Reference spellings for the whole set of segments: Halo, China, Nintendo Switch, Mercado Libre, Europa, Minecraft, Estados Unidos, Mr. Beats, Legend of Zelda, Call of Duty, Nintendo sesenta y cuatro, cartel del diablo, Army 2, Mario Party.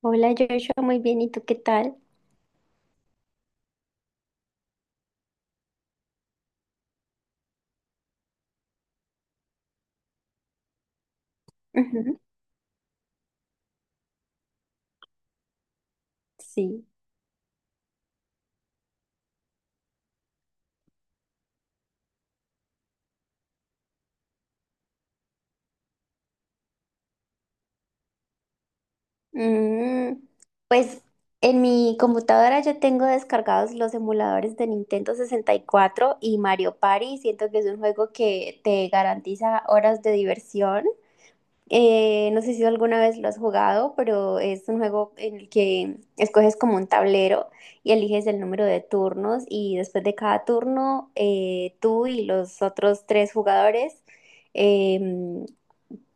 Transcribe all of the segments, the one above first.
Hola Joshua, muy bien, ¿y tú qué tal? Ujú. Sí. Mm, pues en mi computadora yo tengo descargados los emuladores de Nintendo sesenta y cuatro y Mario Party. Siento que es un juego que te garantiza horas de diversión. No sé si alguna vez lo has jugado, pero es un juego en el que escoges como un tablero y eliges el número de turnos y después de cada turno tú y los otros tres jugadores em,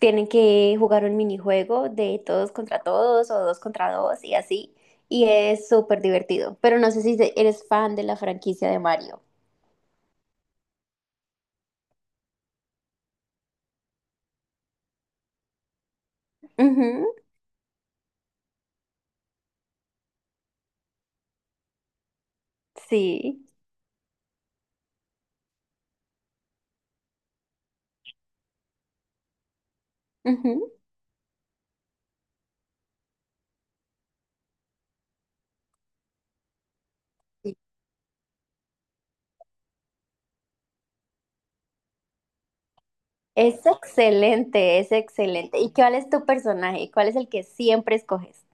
tienen que jugar un minijuego de todos contra todos o dos contra dos y así. Y es súper divertido, pero no sé si eres fan de la franquicia de Mario. Ujú, sí. Ujú. Es excelente, es excelente. ¿Y cuál es tu personaje? ¿Cuál es el que siempre escoges?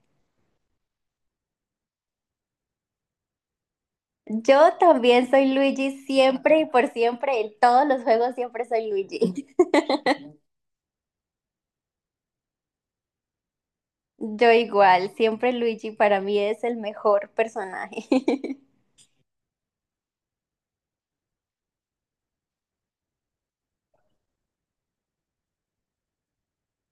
Yo también soy Luigi, siempre y por siempre, en todos los juegos siempre soy Luigi. Yo igual, siempre Luigi para mí es el mejor personaje.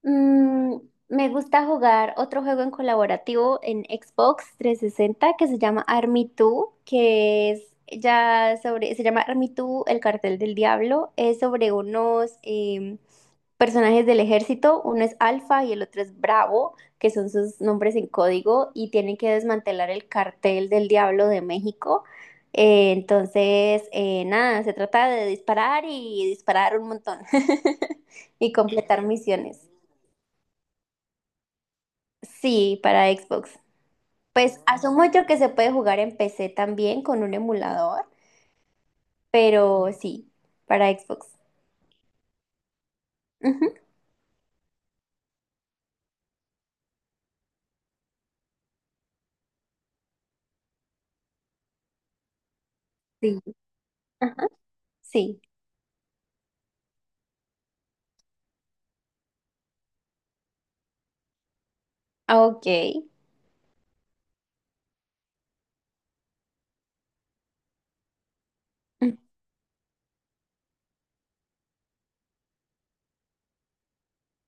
Mm, Me gusta jugar otro juego en colaborativo en Xbox 360 que se llama Army 2, que es ya sobre, se llama Army 2, el cartel del diablo, es sobre unos... personajes del ejército, uno es Alfa y el otro es Bravo, que son sus nombres en código, y tienen que desmantelar el cartel del Diablo de México. Entonces, nada, se trata de disparar y disparar un montón y completar misiones. Sí, para Xbox. Pues asumo yo que se puede jugar en PC también con un emulador, pero sí, para Xbox. Ujú. Sí, ajá, sí. Ah, ok.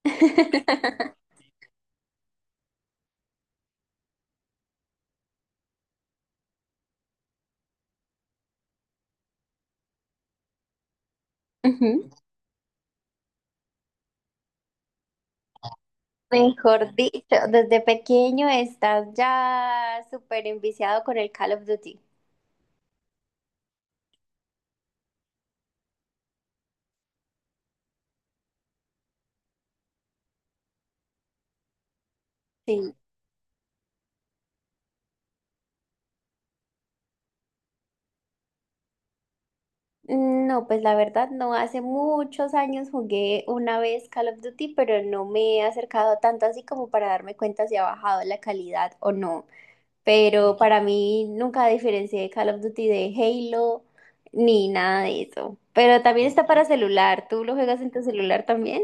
Ujú. Mejor dicho, desde pequeño estás ya súper enviciado con el Call of Duty. Sí. No, pues la verdad no, hace muchos años jugué una vez Call of Duty, pero no me he acercado tanto así como para darme cuenta si ha bajado la calidad o no. Pero para mí nunca diferencié Call of Duty de Halo ni nada de eso. Pero también está para celular, ¿tú lo juegas en tu celular también?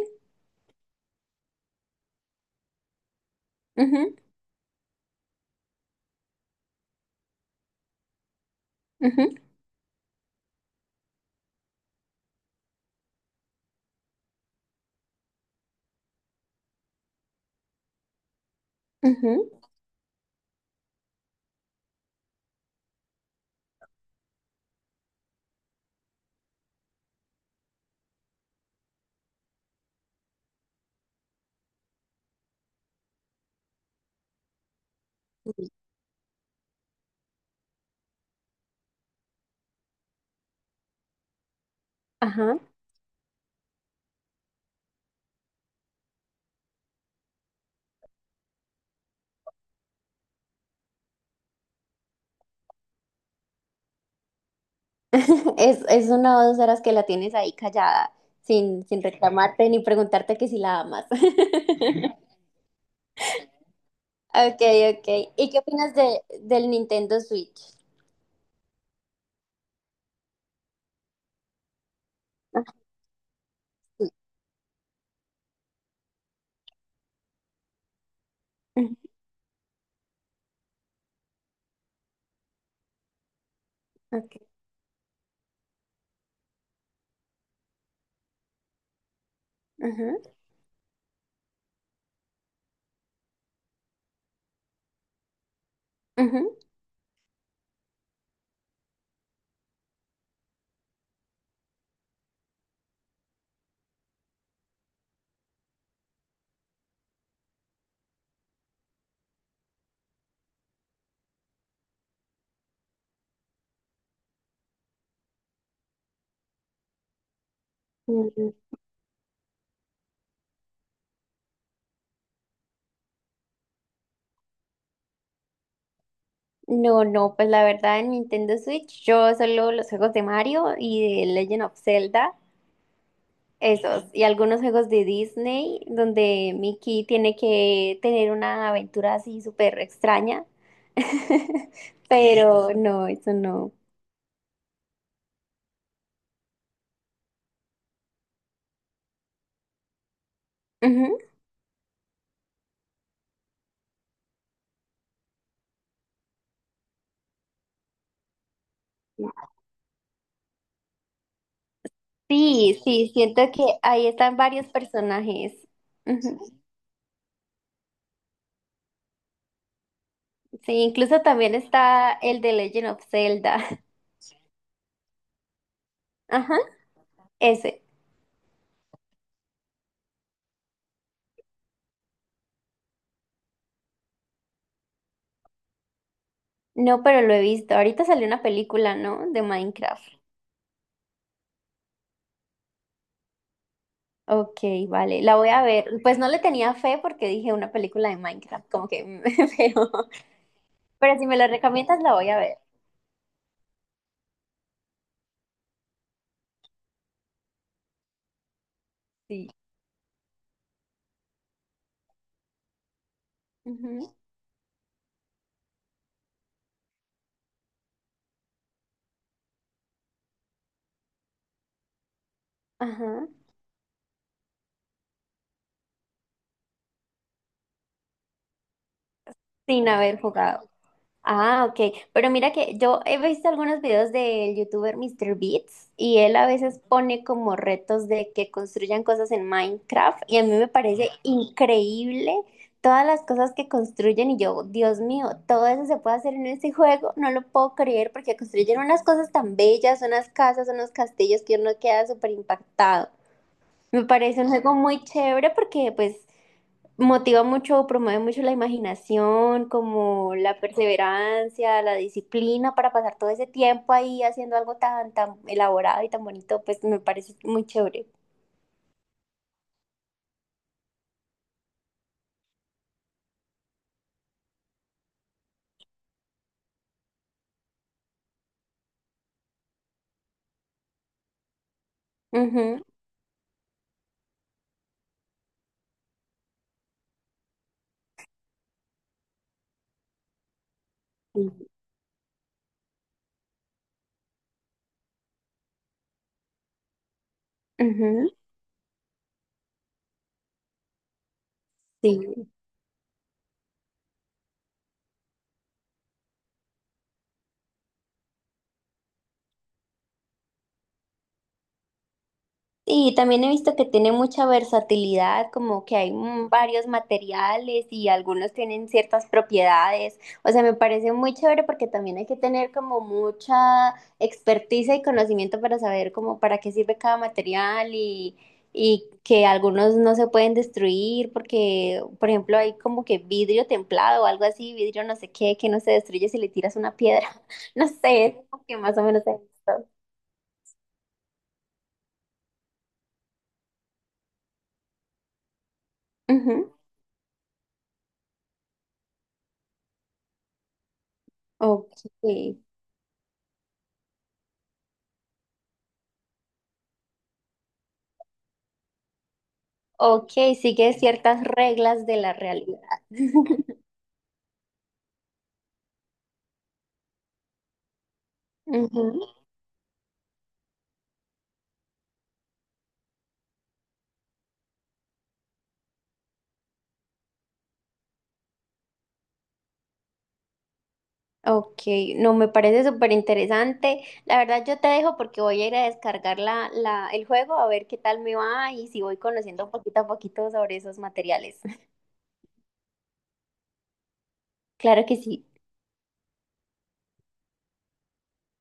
Ujú, ujú, ujú. Ajá. Es una o dos horas que la tienes ahí callada, sin, sin reclamarte ni preguntarte que si la amas. Ok, ok. ¿Y qué opinas de, del Nintendo Switch? Ah, sí. Ujú. Ok. Ujú, ujú. Mm, No, no, pues la verdad en Nintendo Switch yo solo los juegos de Mario y de Legend of Zelda. Esos, y algunos juegos de Disney donde Mickey tiene que tener una aventura así súper extraña. Pero no, eso no. Ujú. Sí, sí, siento que ahí están varios personajes. Ujú. Sí, incluso también está el de Legend of Zelda. Ajá, ese. No, pero lo he visto. Ahorita salió una película, ¿no? De Minecraft. Ok, vale, la voy a ver. Pues no le tenía fe porque dije una película de Minecraft, como que, pero Pero si me lo recomiendas, la voy a ver. Sí. Ujú. Ajá. Sin haber jugado. Ah, ok. Pero mira que yo he visto algunos videos del youtuber Mr. Beats y él a veces pone como retos de que construyan cosas en Minecraft y a mí me parece increíble todas las cosas que construyen y yo, Dios mío, todo eso se puede hacer en este juego, no lo puedo creer porque construyen unas cosas tan bellas, unas casas, unos castillos que uno queda súper impactado. Me parece un juego muy chévere porque pues motiva mucho, promueve mucho la imaginación, como la perseverancia, la disciplina para pasar todo ese tiempo ahí haciendo algo tan, tan elaborado y tan bonito, pues me parece muy chévere. Ujú, sí. Ujú, sí. Sí, también he visto que tiene mucha versatilidad, como que hay varios materiales y algunos tienen ciertas propiedades. O sea, me parece muy chévere porque también hay que tener como mucha experticia y conocimiento para saber como para qué sirve cada material y que algunos no se pueden destruir porque, por ejemplo, hay como que vidrio templado o algo así, vidrio no sé qué, que no se destruye si le tiras una piedra. No sé, es como que más o menos he visto. Ujú. Ok. Ok, sigue ciertas reglas de la realidad. Ujú. Ok, no, me parece súper interesante. La verdad, yo te dejo porque voy a ir a descargar la, la, el juego a ver qué tal me va y si voy conociendo poquito a poquito sobre esos materiales. Claro que sí.